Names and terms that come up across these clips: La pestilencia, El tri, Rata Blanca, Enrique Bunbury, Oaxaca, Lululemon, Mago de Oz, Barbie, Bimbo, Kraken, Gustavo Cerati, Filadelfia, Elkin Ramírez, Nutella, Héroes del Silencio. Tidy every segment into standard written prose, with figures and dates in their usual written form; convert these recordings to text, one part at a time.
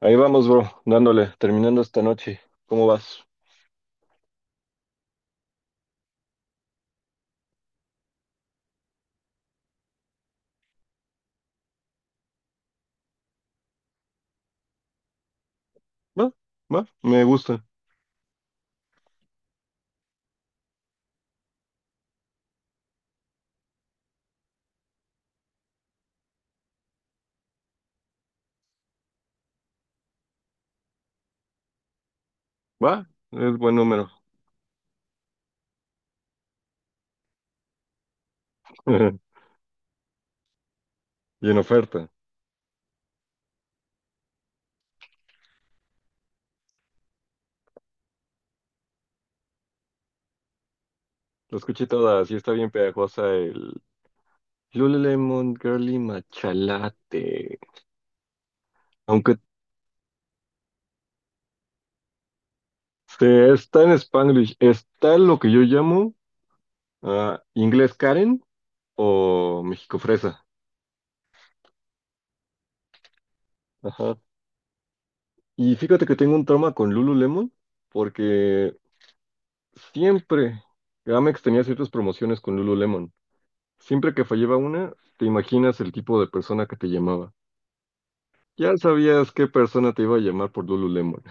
Ahí vamos, bro, dándole, terminando esta noche. ¿Cómo vas? Va, va, me gusta. Va, es buen número. Y en oferta. Lo escuché toda, sí está bien pegajosa el Lululemon Girly Machalate. Aunque se está en Spanglish, está lo que yo llamo inglés Karen o México Fresa. Ajá. Y fíjate que tengo un trauma con Lululemon porque siempre Gamex tenía ciertas promociones con Lululemon. Siempre que fallaba una, te imaginas el tipo de persona que te llamaba. Ya sabías qué persona te iba a llamar por Lululemon.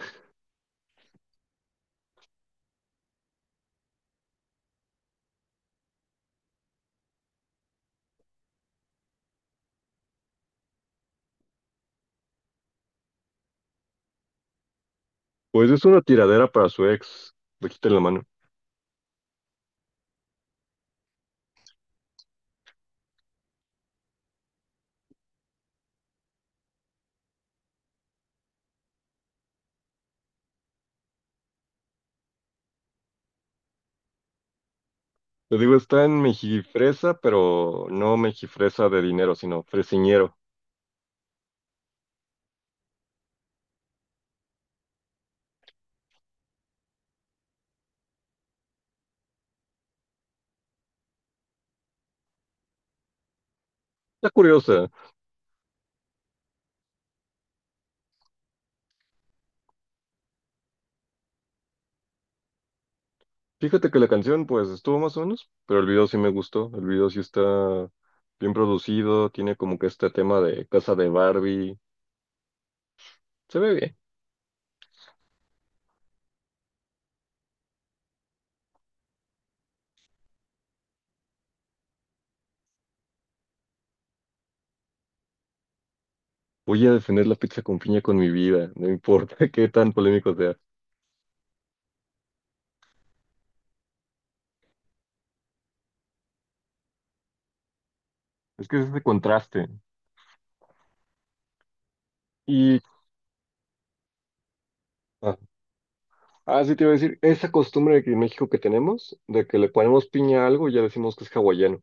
Pues es una tiradera para su ex. Le quité la mano. Te digo, está en mejifresa, pero no mejifresa de dinero, sino fresiñero. Está curiosa. Fíjate que la canción, pues, estuvo más o menos, pero el video sí me gustó. El video sí está bien producido, tiene como que este tema de casa de Barbie. Se ve bien. Voy a defender la pizza con piña con mi vida, no importa qué tan polémico sea. Es que es ese contraste. Y, ah, sí te iba a decir, esa costumbre de que en México que tenemos, de que le ponemos piña a algo y ya decimos que es hawaiano.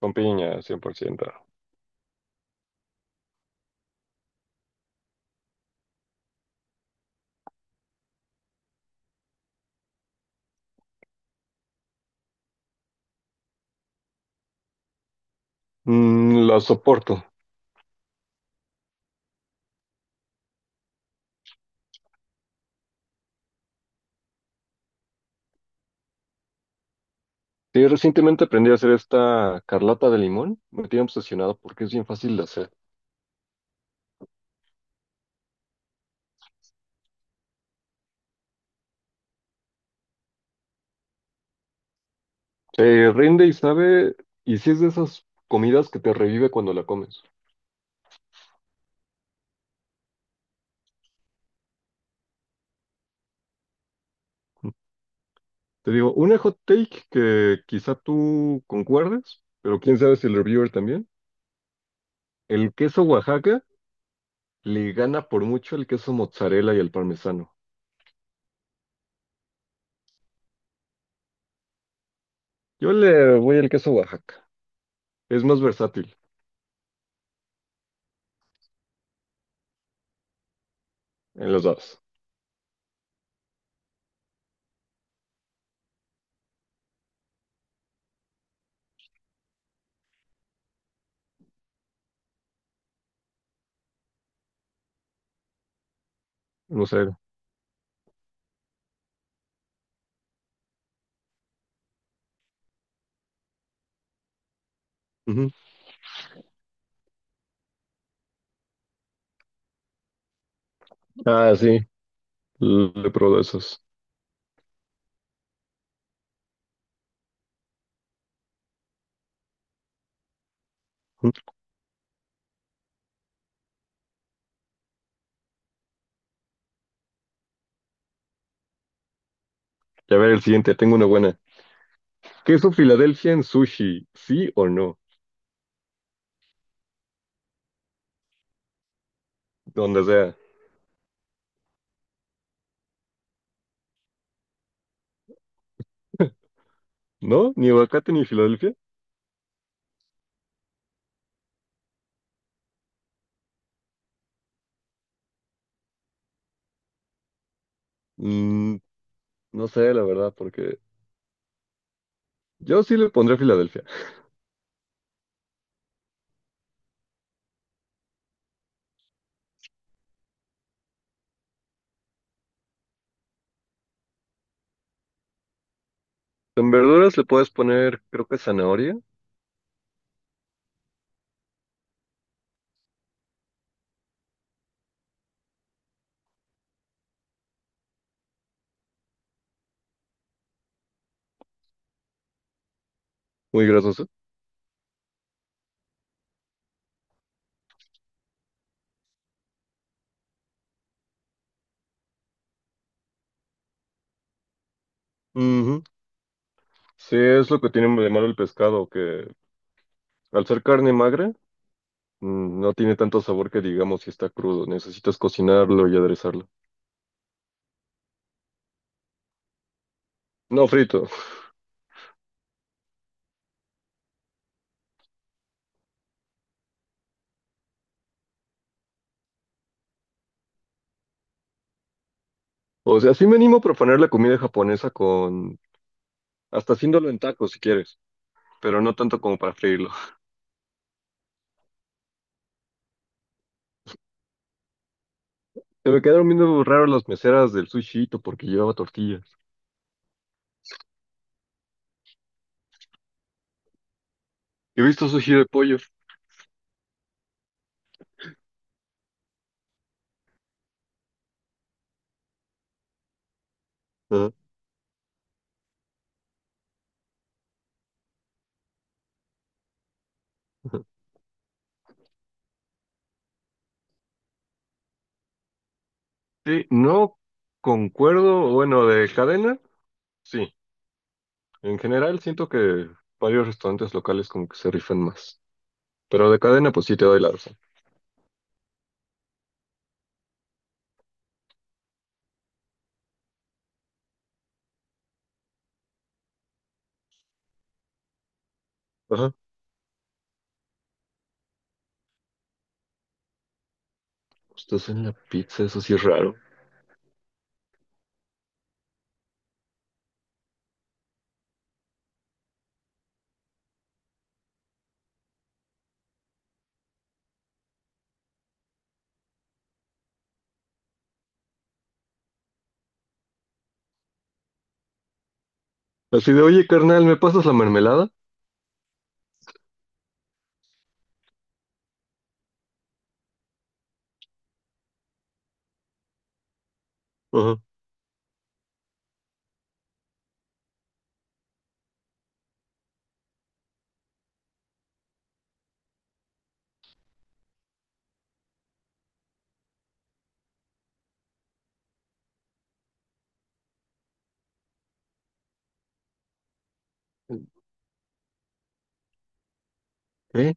Con piña, 100%. Mm, lo soporto. Sí, recientemente aprendí a hacer esta carlata de limón. Me tiene obsesionado porque es bien fácil de hacer. Se rinde y sabe, y sí es de esas comidas que te revive cuando la comes. Te digo, una hot take que quizá tú concuerdes, pero quién sabe si el reviewer también. El queso Oaxaca le gana por mucho el queso mozzarella y el parmesano. Yo le voy al queso Oaxaca. Es más versátil en los dos. No sé. Ujú. Ah, sí. Le pruebo esos. Ujú. Y a ver el siguiente. Tengo una buena. ¿Queso Filadelfia en sushi? ¿Sí o no? Donde sea. ¿No? ¿Ni aguacate ni Filadelfia? Mm, no sé, la verdad, porque yo sí le pondré Filadelfia. En verduras le puedes poner, creo que zanahoria. Muy grasoso. Ujú. Sí, es lo que tiene de malo el pescado, que al ser carne magra, no tiene tanto sabor que digamos si está crudo. Necesitas cocinarlo y aderezarlo. No frito. O sea, sí me animo a proponer la comida japonesa con... Hasta haciéndolo en tacos si quieres, pero no tanto como para freírlo. Se me quedaron viendo raro las meseras del sushito porque llevaba tortillas. He visto sushi de pollo. Ajá. Sí, no concuerdo, bueno, de cadena, sí. En general siento que varios restaurantes locales como que se rifan más. Pero de cadena, pues sí te doy la razón. Ajá. Estás en la pizza, eso sí es raro. Así de, oye, carnal, ¿me pasas la mermelada? Ajá. ¿Eh?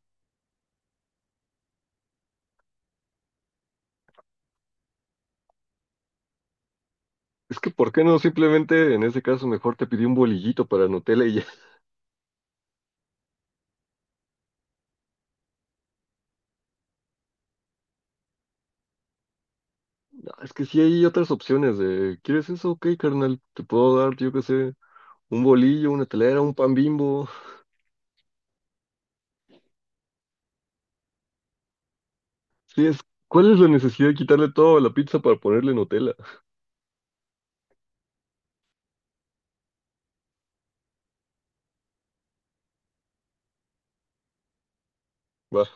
Es que, ¿por qué no? Simplemente, en ese caso, mejor te pedí un bolillito para Nutella y ya. No, es que sí hay otras opciones de, ¿quieres eso? Ok, carnal, te puedo dar, yo qué sé, un bolillo, una telera, un pan Bimbo. Sí, es, ¿cuál es la necesidad de quitarle todo a la pizza para ponerle Nutella? Va.